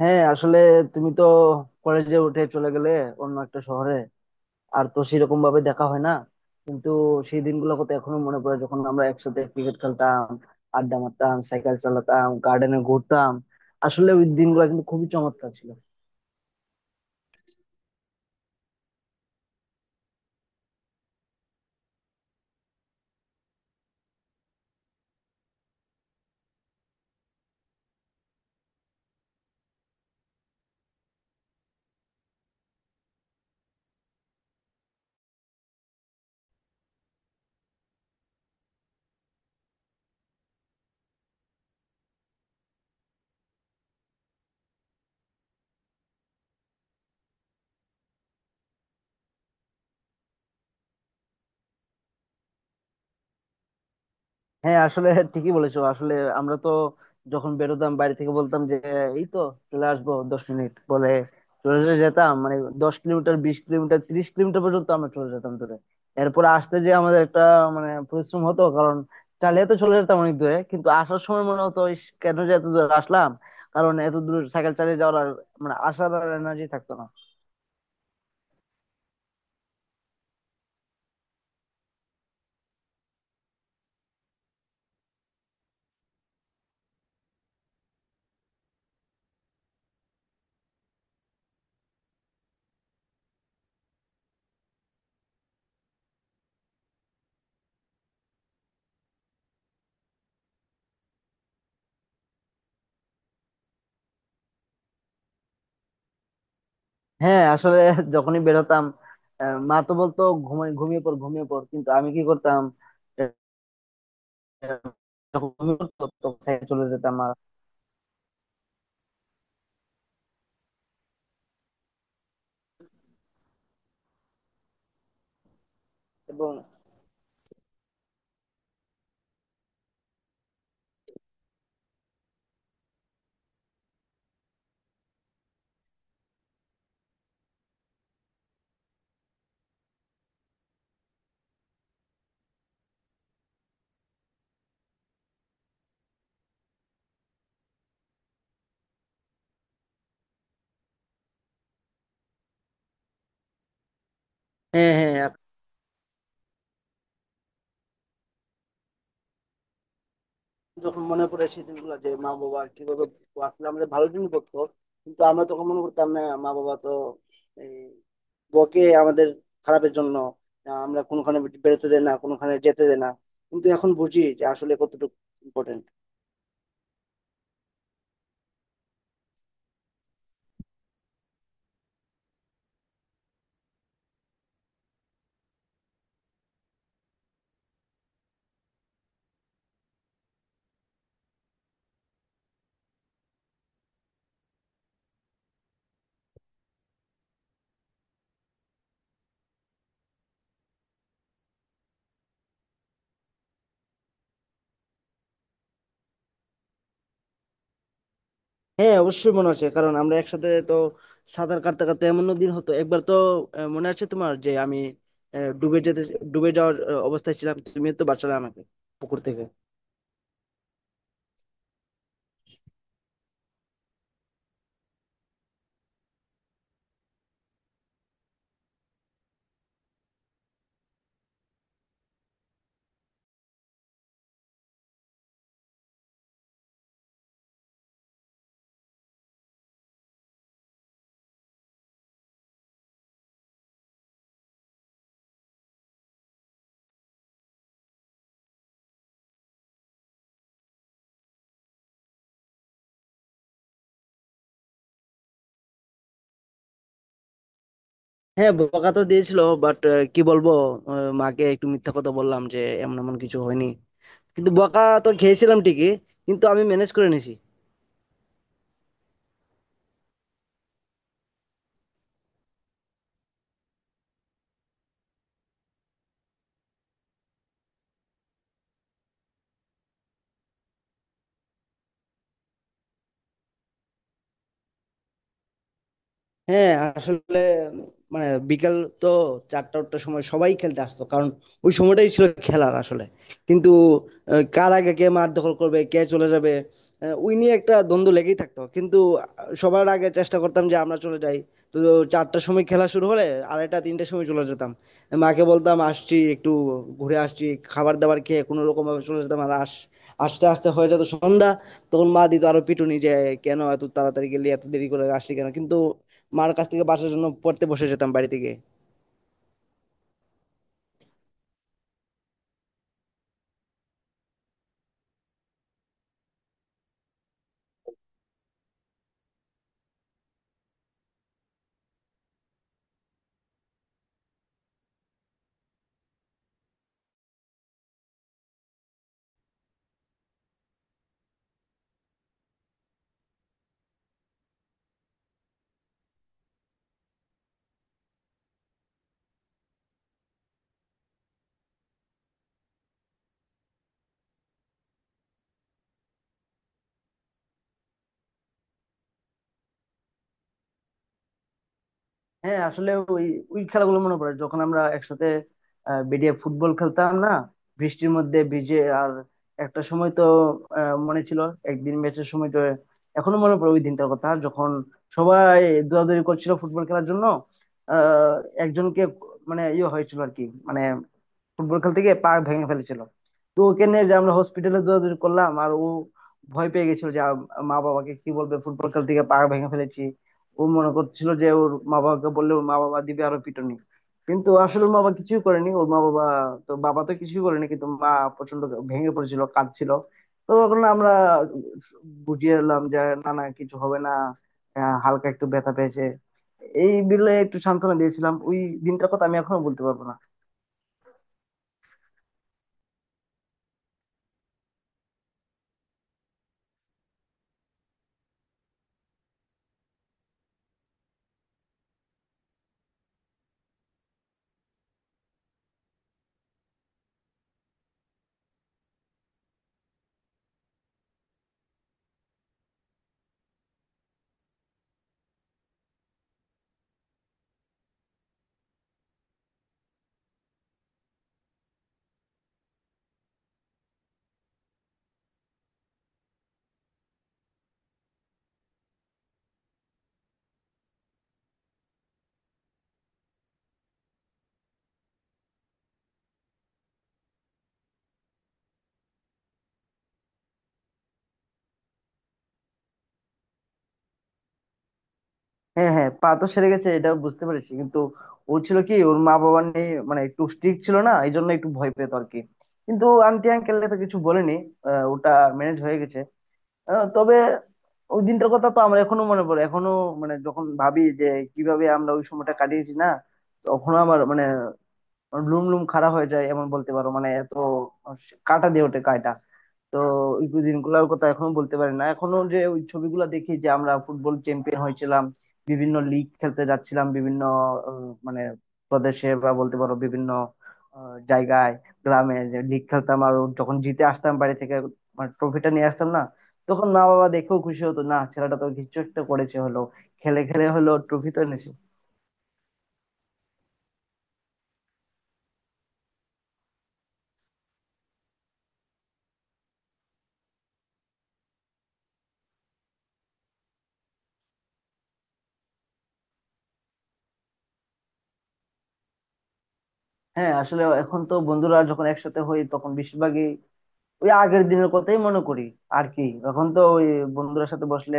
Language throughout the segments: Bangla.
হ্যাঁ, আসলে তুমি তো কলেজে উঠে চলে গেলে অন্য একটা শহরে। আর তো সেরকম ভাবে দেখা হয় না, কিন্তু সেই দিনগুলো কত এখনো মনে পড়ে যখন আমরা একসাথে ক্রিকেট খেলতাম, আড্ডা মারতাম, সাইকেল চালাতাম, গার্ডেনে ঘুরতাম। আসলে ওই দিনগুলো কিন্তু খুবই চমৎকার ছিল। হ্যাঁ, আসলে ঠিকই বলেছো। আসলে আমরা তো যখন বেরোতাম বাড়ি থেকে বলতাম যে এই তো চলে আসবো 10 মিনিট বলে চলে চলে যেতাম, মানে 10 কিলোমিটার, 20 কিলোমিটার, 30 কিলোমিটার পর্যন্ত আমরা চলে যেতাম দূরে। এরপরে আসতে যে আমাদের একটা মানে পরিশ্রম হতো, কারণ চালিয়ে তো চলে যেতাম অনেক দূরে, কিন্তু আসার সময় মনে হতো ইস, কেন যে এত দূরে আসলাম। কারণ এত দূর সাইকেল চালিয়ে যাওয়ার আর মানে আসার আর এনার্জি থাকতো না। হ্যাঁ, আসলে যখনই বেরোতাম, মা তো বলতো ঘুমিয়ে ঘুমিয়ে পড়, ঘুমিয়ে পড়, কিন্তু আমি কি করতাম? যখন আমি পড়তাম, তখন সাইকেলে চলে যেতাম আর এবং। হ্যাঁ, হ্যাঁ, এখন যখন মনে পড়ে সেদিনগুলো যে মা বাবা কিভাবে আসলে আমাদের ভালো দিন করতো, কিন্তু আমরা তখন মনে করতাম না মা বাবা তো এই, বকে আমাদের খারাপের জন্য। না, আমরা কোনোখানে বেরোতে দেয় না, কোনোখানে যেতে দেয় না, কিন্তু এখন বুঝি যে আসলে কতটুকু ইম্পর্টেন্ট। হ্যাঁ, অবশ্যই মনে আছে, কারণ আমরা একসাথে তো সাঁতার কাটতে কাটতে এমন দিন হতো একবার তো, মনে আছে তোমার যে আমি ডুবে যেতে ডুবে যাওয়ার অবস্থায় ছিলাম, তুমি তো বাঁচালে আমাকে পুকুর থেকে। হ্যাঁ, বকা তো দিয়েছিল। বাট কি বলবো, আহ, মাকে একটু মিথ্যা কথা বললাম যে এমন এমন কিছু হয়নি। কিন্তু বকা তো খেয়েছিলাম ঠিকই, কিন্তু আমি ম্যানেজ করে নিয়েছি। হ্যাঁ, আসলে মানে বিকাল তো চারটার সময় সবাই খেলতে আসতো, কারণ ওই সময়টাই ছিল খেলার আসলে। কিন্তু কার আগে কে মাঠ দখল করবে, কে চলে যাবে, ওই নিয়ে একটা দ্বন্দ্ব লেগেই থাকতো, কিন্তু সবার আগে চেষ্টা করতাম যে আমরা চলে যাই। তো 4টার সময় খেলা শুরু হলে আড়াইটা তিনটার সময় চলে যেতাম। মাকে বলতাম আসছি একটু, ঘুরে আসছি। খাবার দাবার খেয়ে কোনো রকম ভাবে চলে যেতাম আর আস আস্তে আস্তে হয়ে যেত সন্ধ্যা। তখন মা দিত আরো পিটুনি যে কেন এত তাড়াতাড়ি গেলি, এত দেরি করে আসলি কেন, কিন্তু মার কাছ থেকে বাঁচার জন্য পড়তে বসে যেতাম বাড়ি থেকে। হ্যাঁ, আসলে ওই ওই খেলাগুলো মনে পড়ে যখন আমরা একসাথে বেরিয়ে ফুটবল খেলতাম না বৃষ্টির মধ্যে ভিজে। আর একটা সময় তো মনে ছিল একদিন ম্যাচের সময় তো এখনো মনে পড়ে ওই দিনটার কথা যখন সবাই দৌড়াদৌড়ি করছিল ফুটবল খেলার জন্য। আহ একজনকে মানে ইয়ে হয়েছিল আর কি, মানে ফুটবল খেলতে গিয়ে পা ভেঙে ফেলেছিল। তো ওকে নিয়ে যে আমরা হসপিটালে দৌড়াদৌড়ি করলাম, আর ও ভয় পেয়ে গেছিল যে মা বাবাকে কি বলবে, ফুটবল খেলতে গিয়ে পা ভেঙে ফেলেছি। ও মনে করছিল যে ওর মা বাবাকে বললে ওর মা বাবা দিবে আরো পিটুনি, কিন্তু আসলে ওর মা বাবা কিছুই করেনি। ওর মা বাবা তো, বাবা তো কিছুই করেনি, কিন্তু মা প্রচন্ড ভেঙে পড়েছিল, কাঁদছিল। তো তখন আমরা বুঝিয়ে এলাম যে না না কিছু হবে না, হালকা একটু ব্যথা পেয়েছে। এই বিলে একটু সান্ত্বনা দিয়েছিলাম। ওই দিনটার কথা আমি এখনো বলতে পারবো না। হ্যাঁ, হ্যাঁ, পা তো সেরে গেছে এটা বুঝতে পেরেছি, কিন্তু ও ছিল কি ওর মা বাবা নিয়ে মানে একটু স্ট্রিক্ট ছিল না, এই জন্য একটু ভয় পেত আর কি। কিন্তু আন্টি আঙ্কেল তো কিছু বলেনি। ওটা ম্যানেজ হয়ে গেছে। তবে ওই দিনটার কথা তো আমার এখনো মনে পড়ে এখনো। মানে যখন ভাবি যে কিভাবে আমরা ওই সময়টা কাটিয়েছি না, তখনও আমার মানে লুম লুম খাড়া হয়ে যায় এমন বলতে পারো, মানে এত কাটা দিয়ে ওঠে। তো ওই দিনগুলোর কথা এখনো বলতে পারি না এখনো, যে ওই ছবিগুলো দেখি যে আমরা ফুটবল চ্যাম্পিয়ন হয়েছিলাম, বিভিন্ন লিগ খেলতে যাচ্ছিলাম, বিভিন্ন আহ, মানে প্রদেশে বা বলতে পারো বিভিন্ন জায়গায়, গ্রামে যে লিগ খেলতাম, আর যখন জিতে আসতাম বাড়ি থেকে, মানে ট্রফিটা নিয়ে আসতাম না, তখন মা বাবা দেখেও খুশি হতো না, ছেলেটা তো কিছু একটা করেছে হলো, খেলে খেলে হলো ট্রফি তো এনেছে। হ্যাঁ, আসলে এখন তো বন্ধুরা যখন একসাথে হই তখন বেশিরভাগই ওই আগের দিনের কথাই মনে করি আর কি। এখন তো ওই বন্ধুদের সাথে বসলে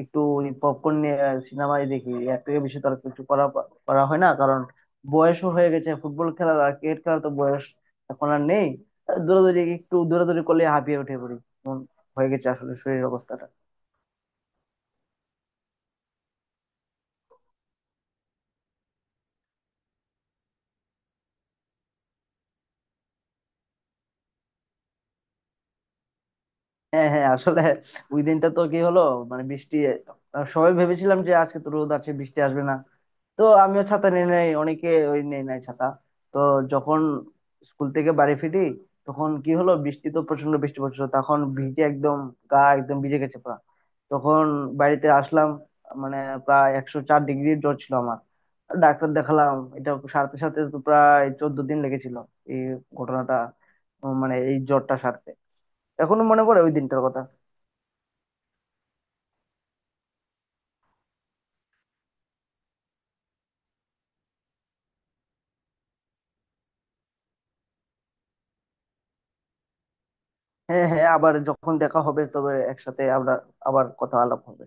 একটু ওই পপকর্ন নিয়ে সিনেমাই দেখি, এর থেকে বেশি তো আর কিছু করা করা হয় না, কারণ বয়সও হয়ে গেছে। ফুটবল খেলা আর ক্রিকেট খেলা তো বয়স এখন আর নেই। দৌড়াদৌড়ি একটু দৌড়াদৌড়ি করলে হাঁপিয়ে উঠে পড়ি, হয়ে গেছে আসলে শরীরের অবস্থাটা। হ্যাঁ, হ্যাঁ, আসলে ওই দিনটা তো কি হলো, মানে বৃষ্টি, সবাই ভেবেছিলাম যে আজকে তো রোদ আছে বৃষ্টি আসবে না। তো আমিও ছাতা নিয়ে নেই, অনেকে ওই নেই নাই ছাতা। তো যখন স্কুল থেকে বাড়ি ফিরি তখন কি হলো, বৃষ্টি তো প্রচন্ড বৃষ্টি পড়ছিল, তখন ভিজে একদম গা একদম ভিজে গেছে পুরো। তখন বাড়িতে আসলাম, মানে প্রায় 104 ডিগ্রি জ্বর ছিল আমার। ডাক্তার দেখালাম, এটা সারতে সারতে তো প্রায় 14 দিন লেগেছিল। এই ঘটনাটা মানে এই জ্বরটা সারতে এখনো মনে পড়ে ওই দিনটার কথা। হ্যাঁ, হ্যাঁ, আবার যখন দেখা হবে তবে একসাথে আমরা আবার কথা আলাপ হবে।